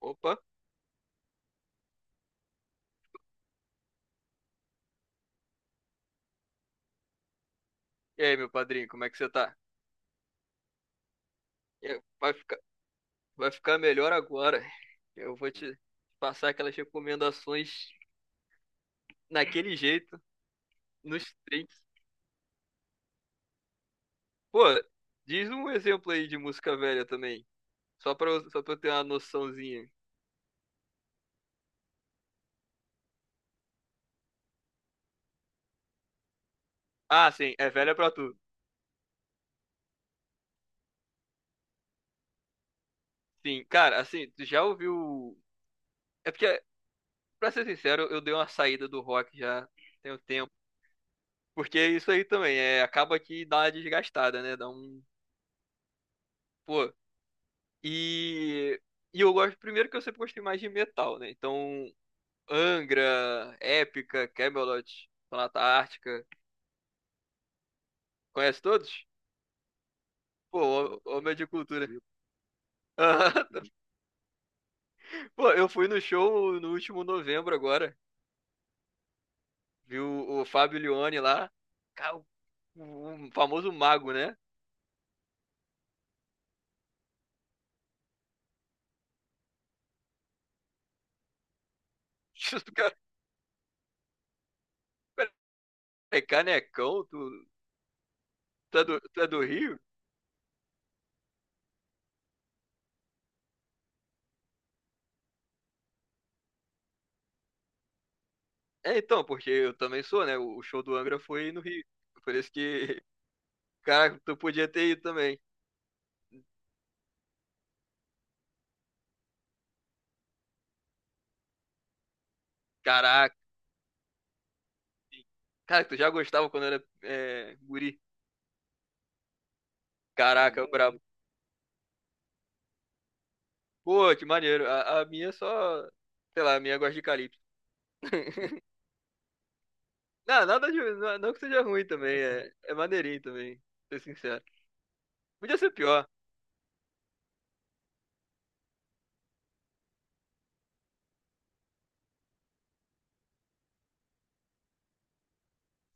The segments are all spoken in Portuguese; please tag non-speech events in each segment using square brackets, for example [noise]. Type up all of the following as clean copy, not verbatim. Opa, e aí, meu padrinho, como é que você tá? É, Vai ficar, vai ficar melhor agora. Eu vou te passar aquelas recomendações naquele jeito, nos trinks. Pô, diz um exemplo aí de música velha também, só só pra eu ter uma noçãozinha. Ah, sim, é velha pra tudo. Sim, cara, assim, tu já ouviu... É porque, Pra ser sincero, eu dei uma saída do rock já tem um tempo. Porque isso aí também, acaba que dá uma desgastada, né? Dá um... Pô, E, e eu gosto, primeiro que eu sempre gostei mais de metal, né? Então, Angra, Épica, Camelot, Sonata Ártica, conhece todos? Pô, homem de cultura. Aham. [laughs] Pô, eu fui no show no último novembro agora, viu o Fábio Leone lá, Ca- o o famoso mago, né? [laughs] O Cara, peraí, canecão, tu, é do, tu é do Rio? É, então, porque eu também sou, né? O show do Angra foi no Rio. Por isso que, [laughs] cara, tu podia ter ido também. Caraca. Cara, tu já gostava quando era guri. Caraca, eu brabo. Pô, que maneiro. A minha só. Sei lá, a minha gosta de calypso. [laughs] Não, nada de. Não, não que seja ruim também. É maneirinho também. Pra ser sincero. Podia ser pior.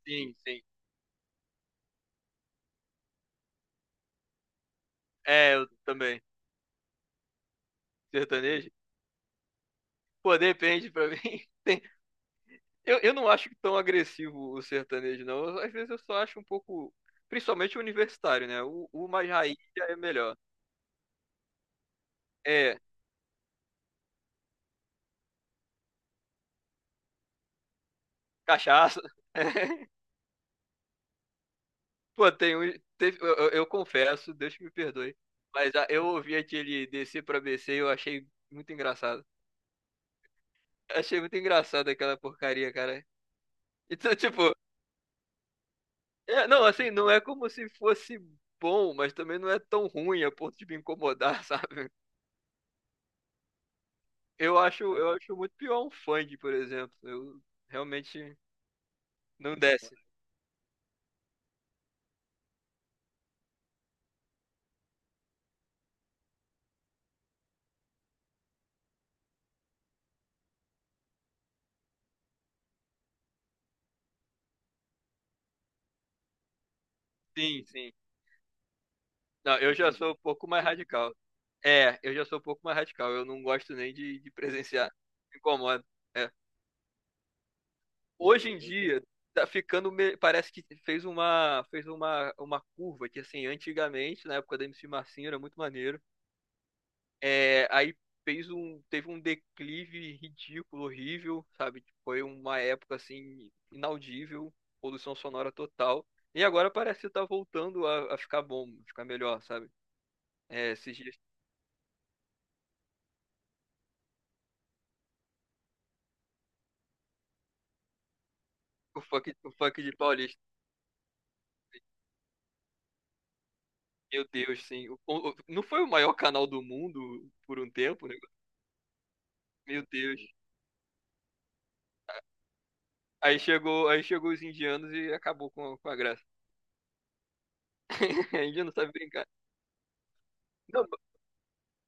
Sim, sim. É, eu também. Sertanejo. Pô, depende pra mim. [laughs] Tem- eu não acho tão agressivo o sertanejo, não. Às vezes eu só acho um pouco. Principalmente o universitário, né? O mais raiz já é melhor. É, cachaça. [laughs] Pô, tem um. Eu confesso, Deus que me perdoe. Mas ah, eu ouvi aquele descer pra BC e eu achei muito engraçado. Achei muito engraçado aquela porcaria, cara. Então, [laughs] não, assim, não é como se fosse bom, mas também não é tão ruim a ponto de me incomodar, [laughs] sabe? Eu acho muito pior um funk, por exemplo. Eu realmente não desce. Sim, sim. Não, eu já sou um pouco mais radical. É, eu já sou um pouco mais radical. Eu não gosto nem de presenciar. Me incomoda. É. Hoje em dia tá ficando parece que fez uma curva que assim antigamente na época da MC Marcinho era muito maneiro, aí fez um teve um declive ridículo, horrível, sabe, foi uma época assim inaudível, poluição sonora total. E agora parece que tá voltando a ficar melhor, sabe? Esses dias o funk de Paulista, meu Deus, sim. Não foi o maior canal do mundo por um tempo, né? Meu Deus. Aí chegou os indianos e acabou com a graça. [laughs] A Índia não sabe brincar. Não,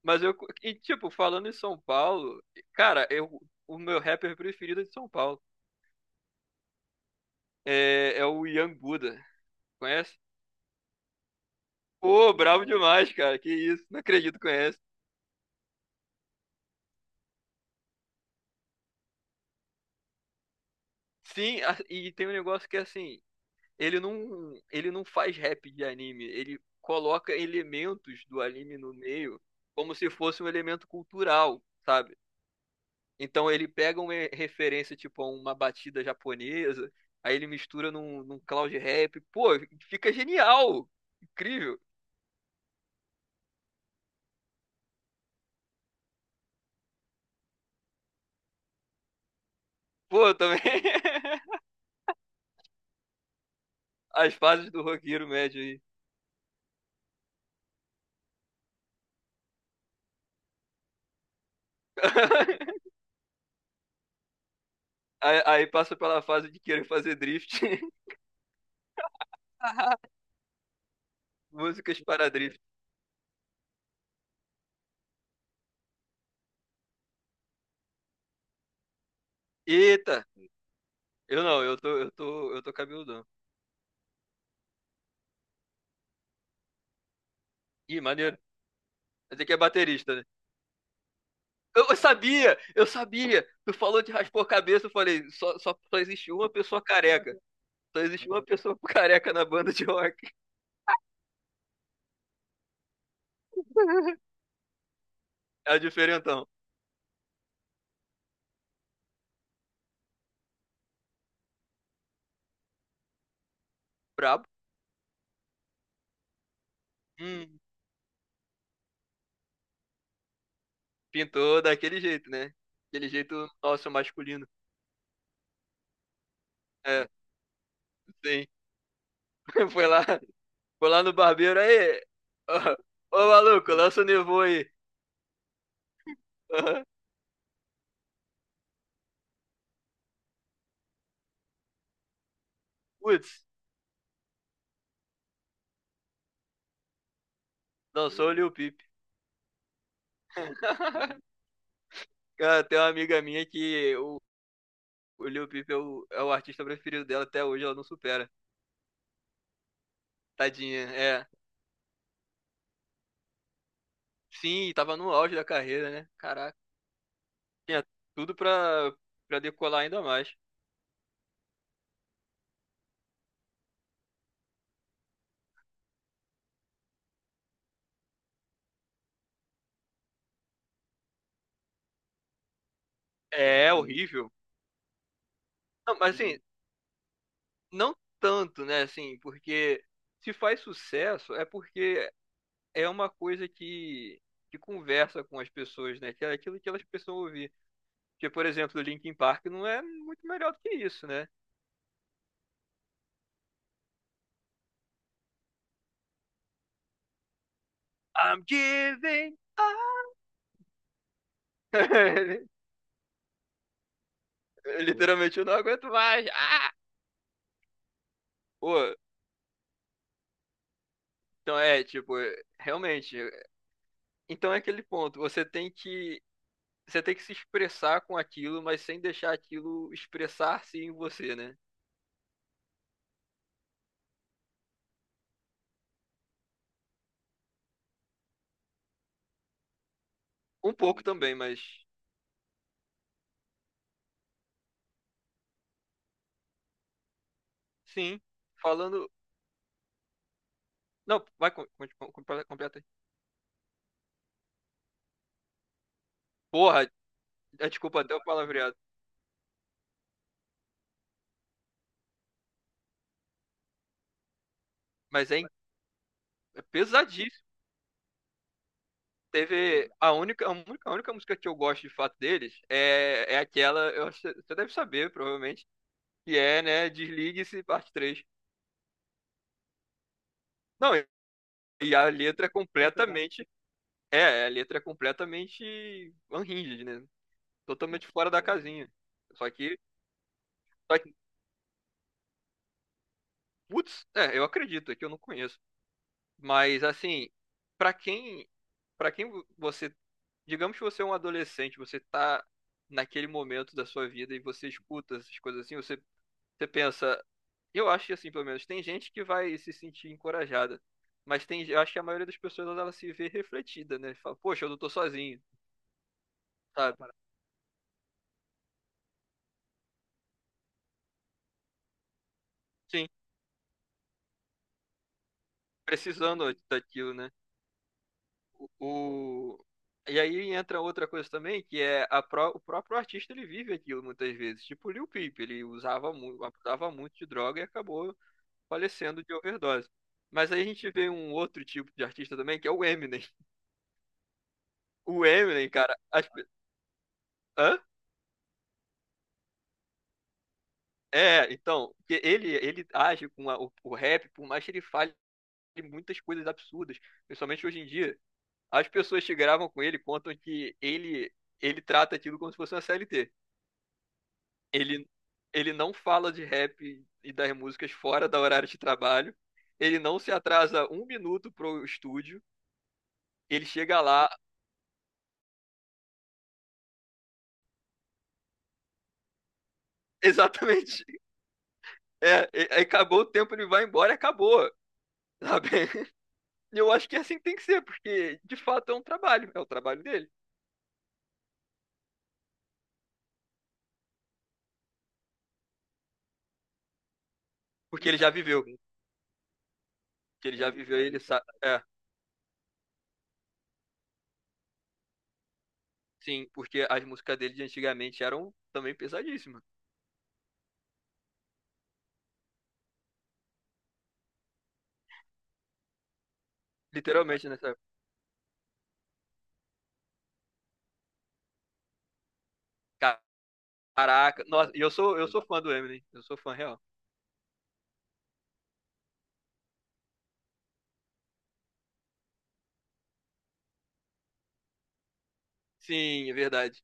mas eu. E, tipo, falando em São Paulo, cara, eu, o meu rapper preferido é de São Paulo, é o Young Buda. Conhece? Pô, bravo demais, cara. Que isso, não acredito que conhece. Sim, e tem um negócio que é assim, ele não faz rap de anime, ele coloca elementos do anime no meio como se fosse um elemento cultural, sabe? Então ele pega uma referência, tipo, a uma batida japonesa, aí ele mistura num cloud rap. Pô, fica genial! Incrível! Pô, também [laughs] as fases do roqueiro médio aí. [laughs] Aí passa pela fase de querer fazer drift. [laughs] Músicas para drift. Eita! Eu não, eu tô cabeludão. Ih, maneiro. Mas é que é baterista, né? Eu sabia! Eu sabia! Tu falou de raspar a cabeça, eu falei, só existe uma pessoa careca. Só existe uma pessoa careca na banda de rock. [laughs] É o diferentão. Brabo. Hum, pintou daquele jeito, né? Aquele jeito nosso masculino. É, sim. [laughs] Foi lá, foi lá no barbeiro aí. Ó, Ô, maluco, lança o Nevô aí. Aham. Putz, lançou o Lil Peep. [laughs] Cara, tem uma amiga minha que o Lil Peep é é o artista preferido dela até hoje, ela não supera. Tadinha, é. Sim, tava no auge da carreira, né? Caraca. Tinha tudo pra, pra decolar ainda mais. É horrível. Não, mas assim, não tanto, né? Assim, porque se faz sucesso é porque é uma coisa que conversa com as pessoas, né? Que é aquilo que elas precisam ouvir. Porque, por exemplo, o Linkin Park não é muito melhor do que isso, né? I'm giving up. [laughs] Literalmente, eu não aguento mais. Ah! Pô, então é, tipo, realmente. Então é aquele ponto. Você tem que se expressar com aquilo, mas sem deixar aquilo expressar-se em você, né? Um pouco também, mas sim. Falando. Não, vai, completa aí. Porra, é, desculpa até o palavreado. Mas é, é pesadíssimo. Teve. A única música que eu gosto de fato deles é aquela. Eu, acho que você deve saber, provavelmente. Que é, né? Desligue-se, parte três. Não, e a letra é completamente. É, a letra é completamente unhinged, né? Totalmente fora da casinha. Só que, só que, putz, é, eu acredito, é que eu não conheço. Mas assim, pra quem, para quem você, digamos que você é um adolescente, você tá naquele momento da sua vida e você escuta essas coisas assim, você pensa, eu acho que assim, pelo menos tem gente que vai se sentir encorajada, mas tem, eu acho que a maioria das pessoas ela se vê refletida, né? Fala, poxa, eu não tô sozinho, sabe? Sim, precisando daquilo, né? O... E aí entra outra coisa também, que é o próprio artista ele vive aquilo muitas vezes. Tipo o Lil Peep, ele usava muito, abusava muito de droga e acabou falecendo de overdose. Mas aí a gente vê um outro tipo de artista também, que é o Eminem. [laughs] O Eminem, cara, hã? É, então, que ele age com o rap, por mais que ele fale muitas coisas absurdas, principalmente hoje em dia, as pessoas que gravam com ele contam que ele trata aquilo como se fosse uma CLT. Ele, ele não fala de rap e das músicas fora da horário de trabalho. Ele não se atrasa um minuto pro estúdio. Ele chega lá, [laughs] exatamente. É, acabou o tempo, ele vai embora e acabou. Sabe? [laughs] E eu acho que assim tem que ser, porque de fato é um trabalho, é o trabalho dele. Porque ele já viveu. Porque ele já viveu, ele sabe. É, sim, porque as músicas dele de antigamente eram também pesadíssimas. Literalmente, nessa época. Caraca, nossa, eu sou fã do Eminem, eu sou fã real. Sim, é verdade.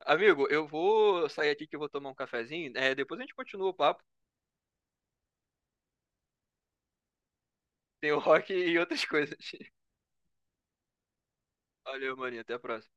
Amigo, eu vou sair aqui que eu vou tomar um cafezinho. É, depois a gente continua o papo. Tem [laughs] o rock e outras coisas. [laughs] Valeu, maninho. Até a próxima.